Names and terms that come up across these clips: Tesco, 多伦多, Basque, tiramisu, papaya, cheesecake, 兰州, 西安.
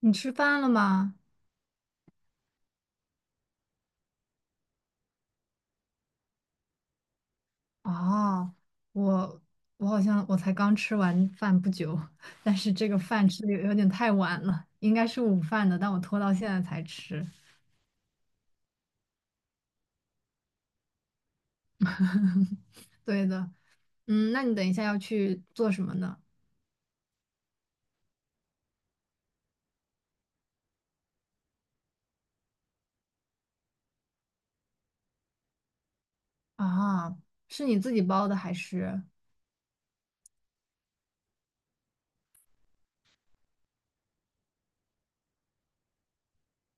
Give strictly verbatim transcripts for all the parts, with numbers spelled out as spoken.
你吃饭了吗？哦，我我好像我才刚吃完饭不久，但是这个饭吃的有有点太晚了，应该是午饭的，但我拖到现在才吃。对的，嗯，那你等一下要去做什么呢？啊，是你自己包的还是？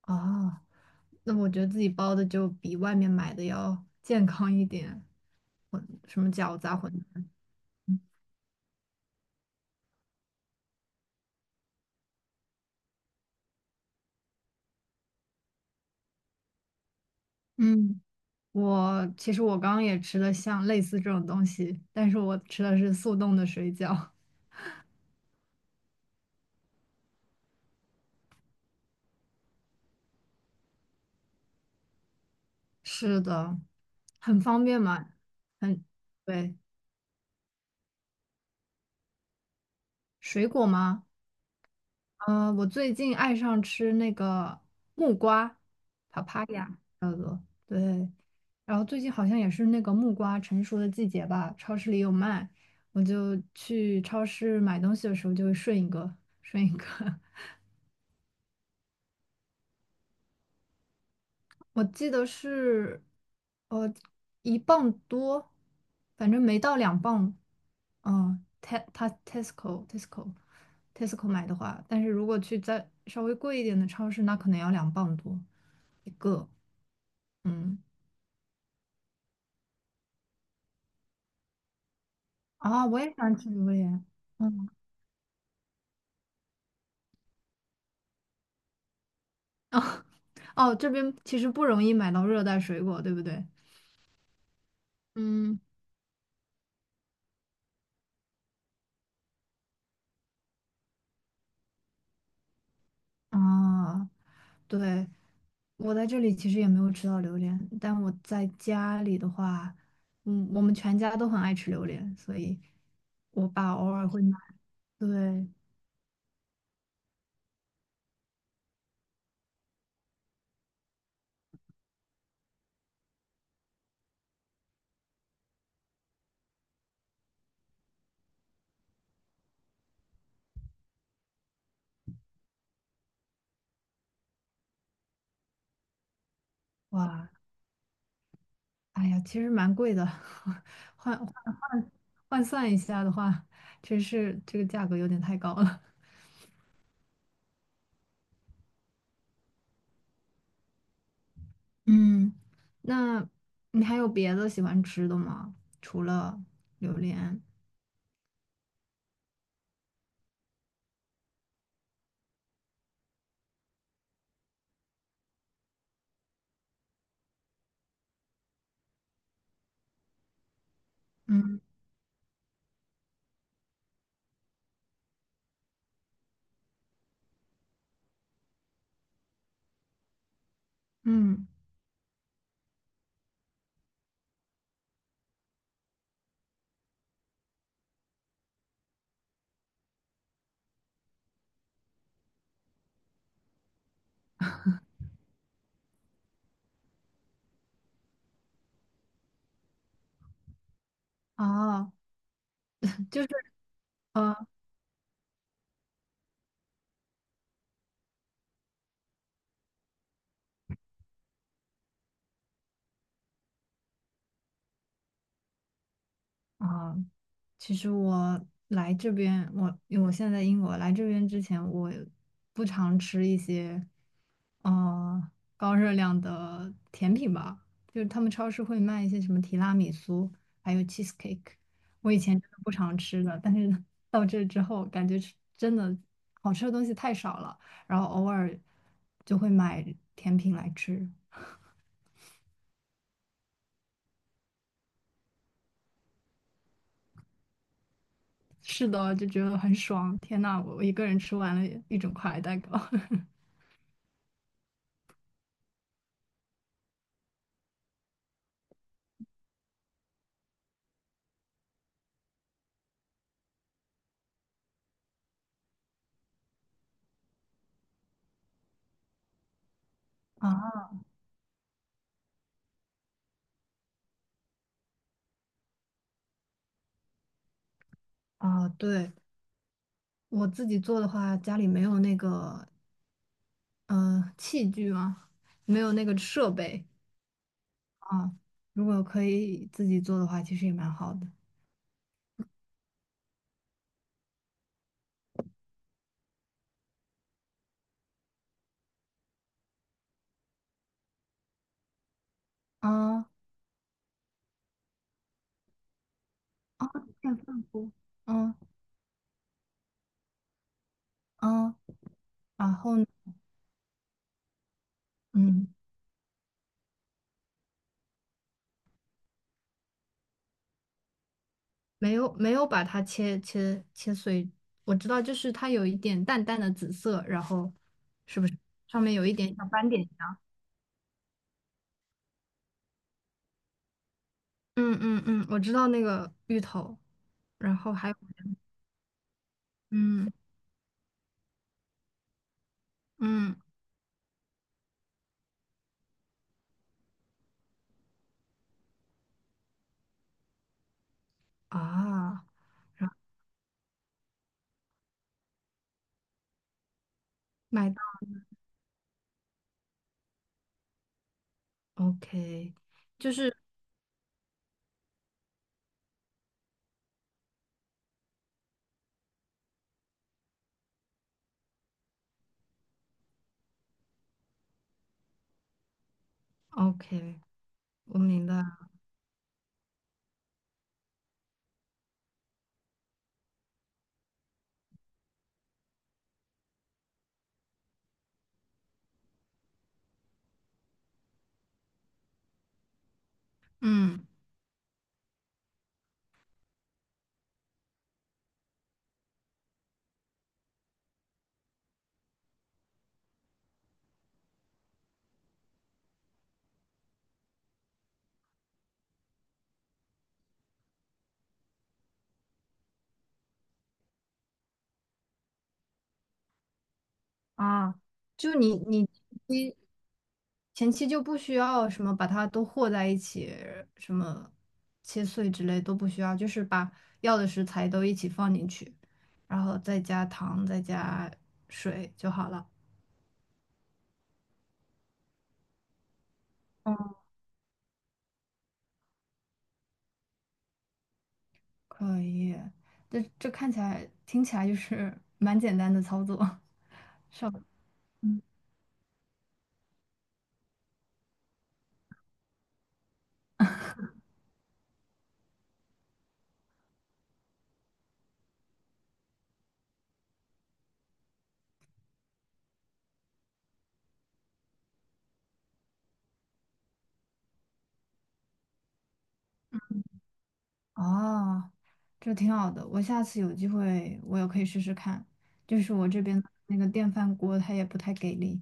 啊，那我觉得自己包的就比外面买的要健康一点，混什么饺子啊、馄饨，嗯。我其实我刚刚也吃了像类似这种东西，但是我吃的是速冻的水饺。是的，很方便嘛，很，对，水果吗？嗯，我最近爱上吃那个木瓜，papaya，对，然后最近好像也是那个木瓜成熟的季节吧，超市里有卖，我就去超市买东西的时候就会顺一个，顺一个。我记得是，呃，一磅多，反正没到两磅。嗯，它它 Tesco Tesco Tesco 买的话，但是如果去再稍微贵一点的超市，那可能要两磅多一个。嗯，啊，我也喜欢吃榴莲。嗯，哦，这边其实不容易买到热带水果，对不对？嗯，啊。对，我在这里其实也没有吃到榴莲，但我在家里的话，嗯，我们全家都很爱吃榴莲，所以我爸偶尔会买。对，哇，哎呀，其实蛮贵的，换换算一下的话，真是这个价格有点太高了。嗯 那你还有别的喜欢吃的吗？除了榴莲？嗯嗯，哦，就是呃，哦，其实我来这边，我因为我现在在英国，来这边之前我不常吃一些，呃，高热量的甜品吧，就是他们超市会卖一些什么提拉米苏，还有 cheesecake，我以前真的不常吃的，但是 到这之后，感觉吃真的好吃的东西太少了，然后偶尔就会买甜品来吃，是的，就觉得很爽，天呐，我我一个人吃完了一整块蛋糕。啊啊，对，我自己做的话，家里没有那个呃器具啊，没有那个设备啊。如果可以自己做的话，其实也蛮好的。啊啊，电饭锅，嗯嗯，然后呢，嗯，没有没有把它切切切碎，我知道就是它有一点淡淡的紫色，然后是不是上面有一点小斑点一样？嗯嗯嗯，我知道那个芋头，然后还有嗯嗯啊。然后买 OK，就是 OK，我明白了，嗯，啊，就你你你前期就不需要什么把它都和在一起，什么切碎之类都不需要，就是把要的食材都一起放进去，然后再加糖，再加水就好了。哦，可以，这这看起来听起来就是蛮简单的操作。嗯。哦，这挺好的，我下次有机会我也可以试试看。就是我这边的那个电饭锅它也不太给力，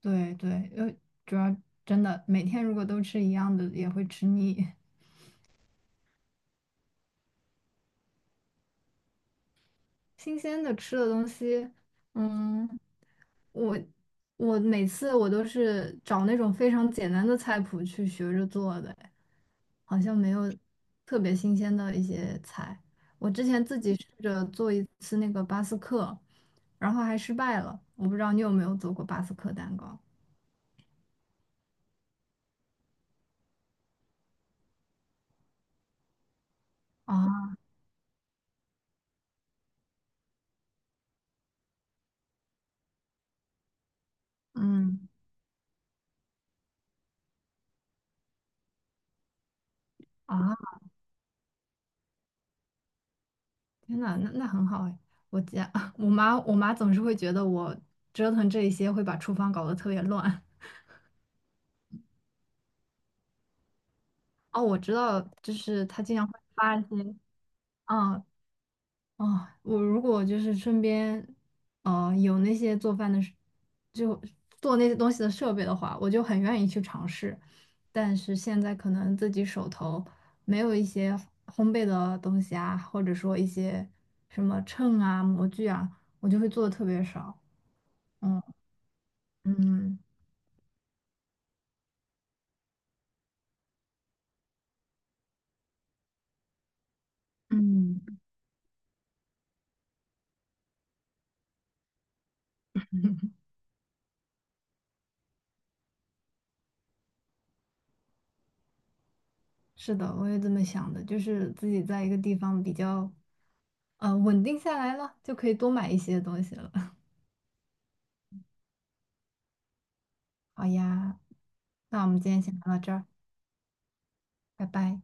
对对，呃，主要真的每天如果都吃一样的也会吃腻，新鲜的吃的东西，嗯，我我每次我都是找那种非常简单的菜谱去学着做的，好像没有特别新鲜的一些菜。我之前自己试着做一次那个巴斯克，然后还失败了。我不知道你有没有做过巴斯克蛋糕啊？嗯啊，天呐，那那很好哎。我家 我妈我妈总是会觉得我折腾这一些会把厨房搞得特别乱。哦，我知道，就是她经常会发一些。嗯，啊，我如果就是身边，呃，有那些做饭的设就做那些东西的设备的话，我就很愿意去尝试。但是现在可能自己手头没有一些烘焙的东西啊，或者说一些什么秤啊、模具啊，我就会做的特别少。嗯嗯，嗯，是的，我也这么想的，就是自己在一个地方比较，呃，稳定下来了，就可以多买一些东西了。好呀，那我们今天先聊到这儿。拜拜。